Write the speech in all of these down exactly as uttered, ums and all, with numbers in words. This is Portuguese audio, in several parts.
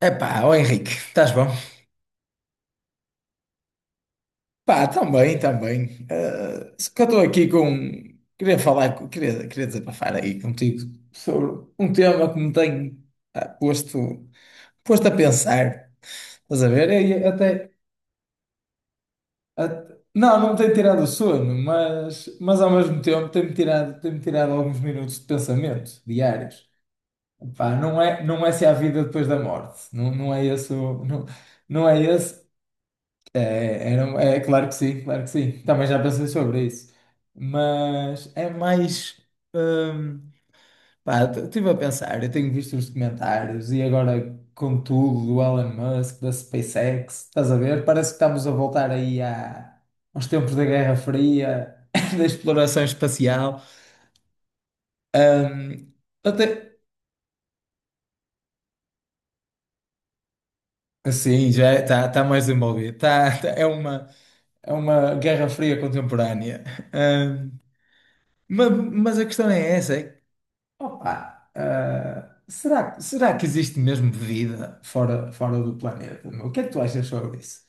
Epá, ó Henrique, estás bom? Pá, também, também. Eh, se que eu estou aqui com. Queria falar, com- queria, queria desabafar aí contigo sobre um tema que me tem ah, posto, posto a pensar. Estás a ver? E até, até- Não, não me tem tirado o sono, mas, mas ao mesmo tempo tem-me tirado, tem-me tirado alguns minutos de pensamento diários. Pá, não é, não é se há vida depois da morte. Não, não é esse o, não, não é esse. É, era, um, é claro que sim, claro que sim. Também já pensei sobre isso. Mas é mais. hum, pá, estive a pensar, eu tenho visto os documentários e agora com tudo do Elon Musk, da SpaceX, estás a ver? Parece que estamos a voltar aí à, aos tempos da Guerra Fria, da exploração espacial. Hum, até, sim, já está tá tá mais envolvido. Tá, tá- é uma, é uma Guerra Fria contemporânea. Hum, ma- mas, a questão é essa. É Opa, ah, será, que- será que existe mesmo vida fora, fora do planeta? Meu? O que é que tu achas sobre isso?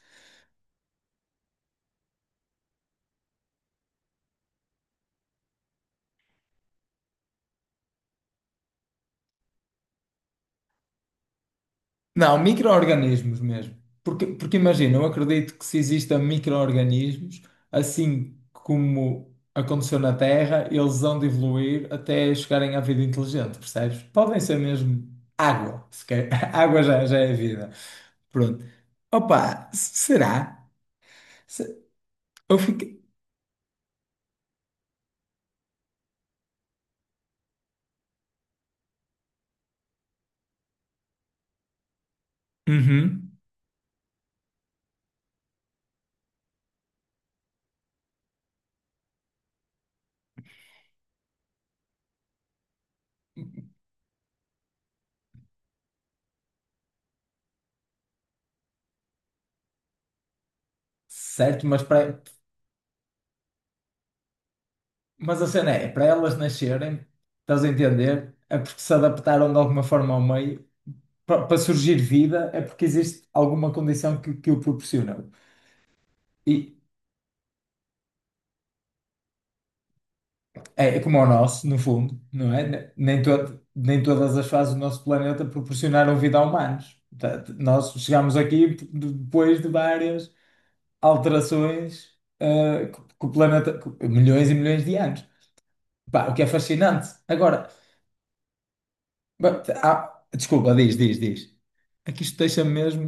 Não, micro-organismos mesmo. Porque, porque imagina, eu acredito que se existam micro-organismos, assim como aconteceu na Terra, eles vão de evoluir até chegarem à vida inteligente, percebes? Podem ser mesmo água, se quer. Água já, já é vida. Pronto. Opa, s- será? Se- Eu fiquei. Uhum. Certo, mas para. Mas a cena é, é para elas nascerem, estás a entender? É porque se adaptaram de alguma forma ao meio. Pa- Para surgir vida é porque existe alguma condição que, que o proporcionou. E é, é como o nosso, no fundo, não é? Ne- Nem, todo, nem todas as fases do nosso planeta proporcionaram vida a humanos. Portanto, nós chegámos aqui p- depois de várias alterações, ah, que que o planeta, que- milhões e milhões de anos. Pá, o que é fascinante. Agora. Ba- ah, desculpa, diz, diz, diz. Aqui isto deixa mesmo.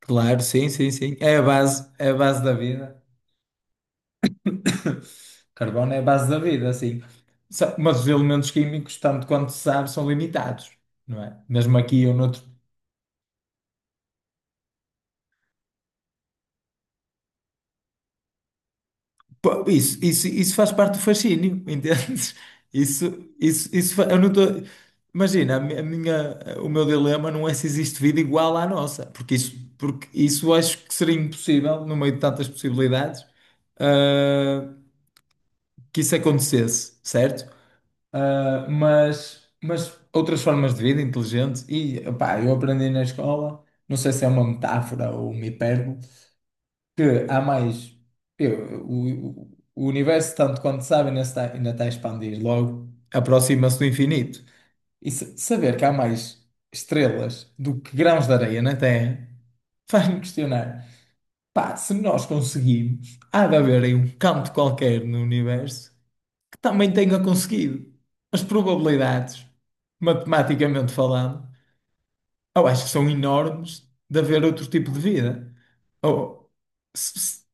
Claro, sim, sim, sim. É a base, é a base da vida. Carbono é a base da vida, sim. Sa- Mas os elementos químicos, tanto quanto se sabe, são limitados, não é? Mesmo aqui ou noutro Pô, Isso, isso, isso faz parte do fascínio, entendes? Isso, isso, isso, fa- eu não tô... Imagina, a mi- a minha, o meu dilema não é se existe vida igual à nossa, porque isso, porque isso acho que seria impossível, no meio de tantas possibilidades, ah, que isso acontecesse, certo? Ah, mas, mas outras formas de vida inteligente, e opá, eu aprendi na escola, não sei se é uma metáfora ou uma hipérbole, que há mais. eu- o, o- o universo, tanto quanto sabe, ainda está, ainda está a expandir, logo aproxima-se do infinito. E sa- saber que há mais estrelas do que grãos de areia na Terra faz-me questionar. Pá, se nós conseguimos, há de haver aí um canto qualquer no universo que também tenha conseguido. As probabilidades, matematicamente falando, eu acho que são enormes de haver outro tipo de vida. Ou, s- s-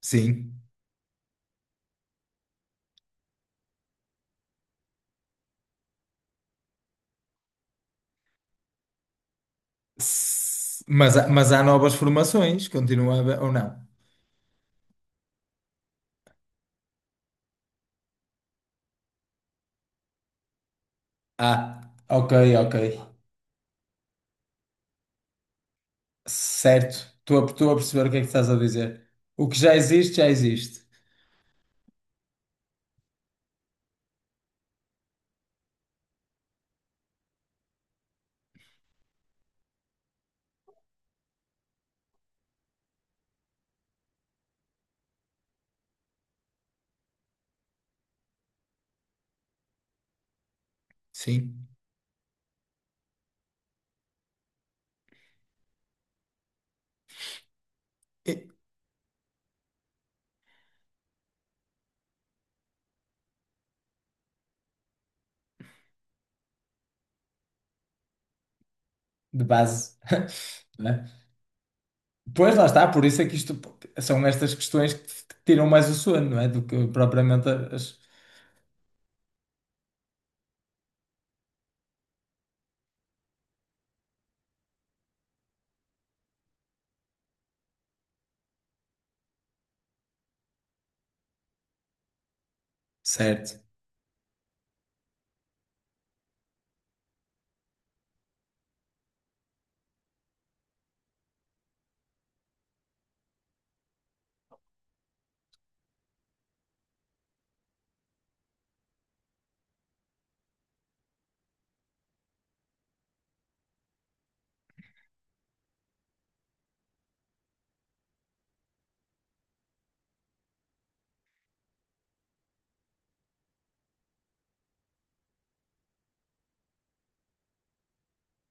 sim. S- Mas, há- mas há novas formações, continua a haver, ou não? Ah, ok, ok. Certo. Estou a, estou a perceber o que é que estás a dizer. O que já existe, já existe. Sim. E- De base. Né? Pois lá está, por isso é que isto são estas questões que te tiram mais o sono, não é? Do que propriamente as. Certo.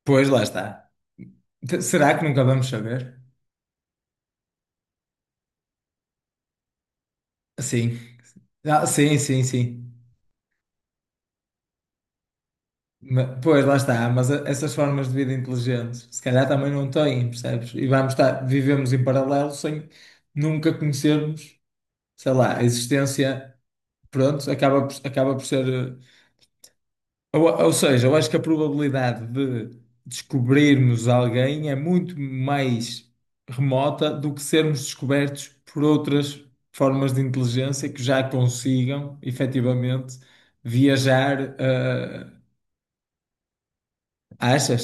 Pois lá está. T- Será que nunca vamos saber? Sim. Ah, sim, sim, sim. Ma- Pois, lá está, mas a- essas formas de vida inteligentes, se calhar também não têm, percebes? E vamos estar, vivemos em paralelo sem nunca conhecermos, sei lá, a existência, pronto, acaba por, acaba por ser. eh, Ou, ou seja, eu acho que a probabilidade de descobrirmos alguém é muito mais remota do que sermos descobertos por outras formas de inteligência que já consigam, efetivamente, viajar. eh, achas?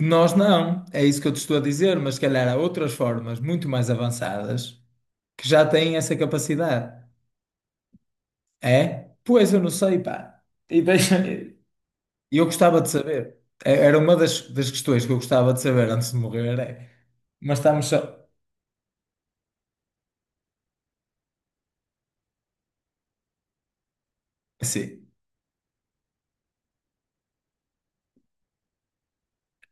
Nós não, é isso que eu te estou a dizer, mas se calhar há outras formas muito mais avançadas que já têm essa capacidade. É? Pois eu não sei, pá. E deixa... e eu gostava de saber. É- Era uma das, das questões que eu gostava de saber antes de morrer. É. Mas estamos só. Sim.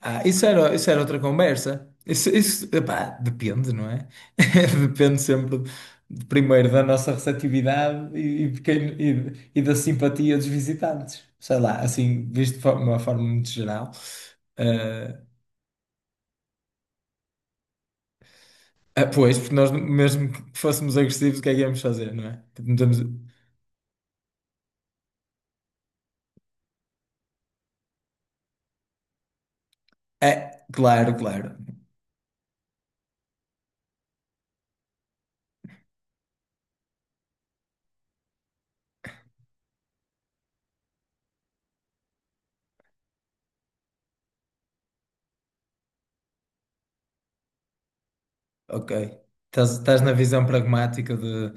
Ah, isso era, isso era outra conversa. Isso, isso, epá, depende, não é? Depende sempre, de- primeiro, da nossa receptividade e, e de quem- e- e da simpatia dos visitantes. Sei lá, assim, visto de forma- uma forma muito geral. Ah, ah, pois, porque nós, mesmo que fôssemos agressivos, o que é que íamos fazer, não é? Tipo, não temos... É, claro, claro. Ok. Estás, estás na visão pragmática de,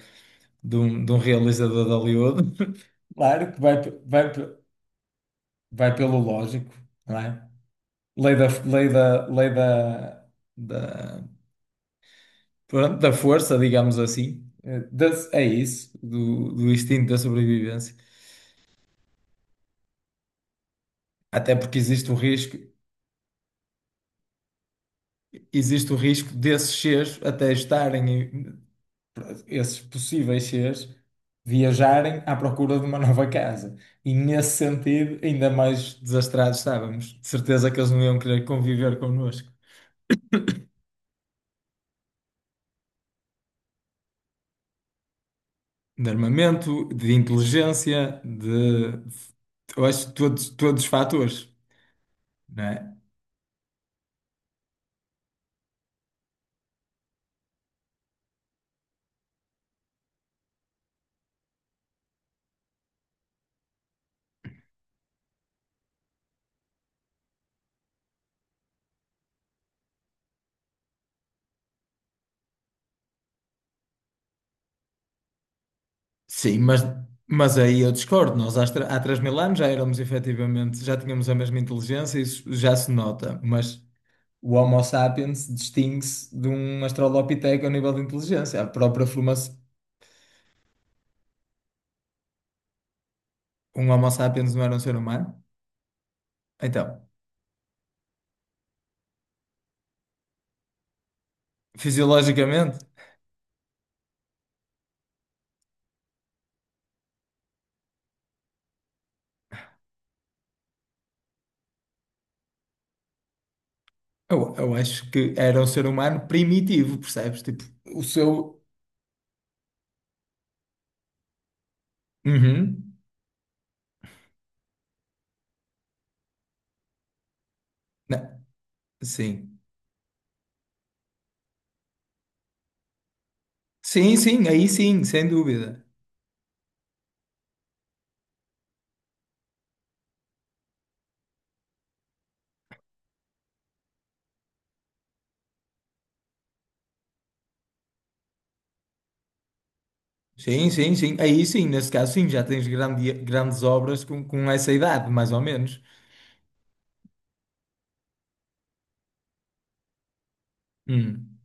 de um, de um realizador de Hollywood. Claro que vai, vai. vai pelo lógico, não é? Lei da, lei da, lei da, da, pronto, da força, digamos assim. Eh, da- é isso, do, do instinto da sobrevivência. Até porque existe o risco, existe o risco desses seres até estarem, em- esses possíveis seres, viajarem à procura de uma nova casa. E nesse sentido, ainda mais desastrados estávamos. De certeza que eles não iam querer conviver connosco. De armamento, de inteligência, de. Eu acho que todos, todos os fatores, não é? Sim, mas, mas aí eu discordo. Nós há, tra- há três mil anos já éramos efetivamente, já tínhamos a mesma inteligência, isso já se nota, mas o Homo sapiens distingue-se de um Australopiteco a nível de inteligência. A própria formação. Um Homo sapiens não era um ser humano? Então, fisiologicamente, eu, eu acho que era um ser humano primitivo, percebes? Tipo, o seu. Uhum. Sim. Sim, sim, aí sim, sem dúvida. Sim, sim, sim. Aí sim, nesse caso sim, já tens grande, grandes obras com, com essa idade, mais ou menos. Hum,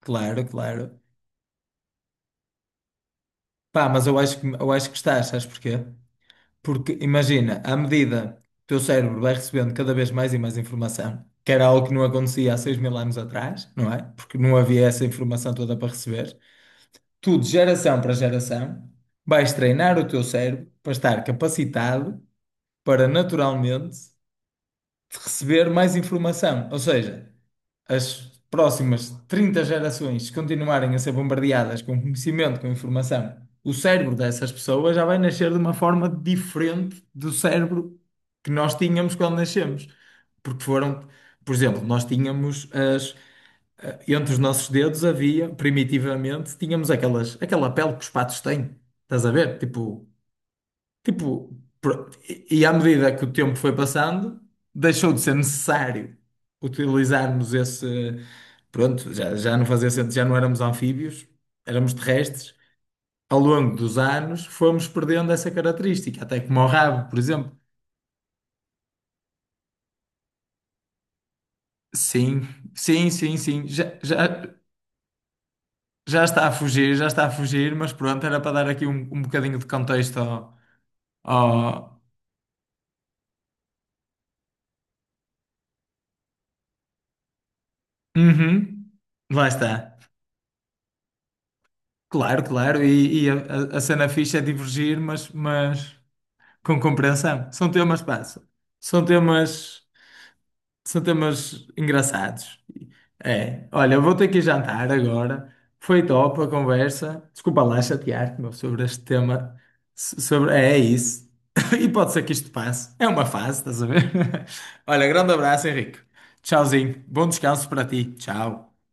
claro, claro. Pá, mas eu acho que, eu acho que estás, sabes porquê? Porque imagina, à medida que o teu cérebro vai recebendo cada vez mais e mais informação, que era algo que não acontecia há seis mil anos atrás, não é? Porque não havia essa informação toda para receber. Tu, de geração para geração, vais treinar o teu cérebro para estar capacitado para naturalmente receber mais informação. Ou seja, as próximas trinta gerações que continuarem a ser bombardeadas com conhecimento, com informação, o cérebro dessas pessoas já vai nascer de uma forma diferente do cérebro que nós tínhamos quando nascemos. Porque foram, por exemplo, nós tínhamos as, eh, entre os nossos dedos havia, primitivamente, tínhamos aquelas, aquela pele que os patos têm. Estás a ver? Tipo, Tipo, pro- e e à medida que o tempo foi passando, deixou de ser necessário utilizarmos esse. Pronto, já, já não fazia sentido, já não éramos anfíbios, éramos terrestres. Ao longo dos anos, fomos perdendo essa característica, até como o rabo, por exemplo. Sim, sim, sim, sim. Já, já, já está a fugir, já está a fugir, mas pronto, era para dar aqui um, um bocadinho de contexto ao. Ao... Uhum, lá está. Claro, claro, e, e a, a- a cena fixa é divergir, mas, mas com compreensão. São temas, pá, são são temas, são temas engraçados. É, olha, eu vou ter que ir jantar agora. Foi top a conversa. Desculpa lá chatear-te, meu, sobre este tema. so- Sobre, é, é isso. E pode ser que isto passe. É uma fase, estás a ver? Olha, grande abraço, Henrique. Tchauzinho. Bom descanso para ti. Tchau.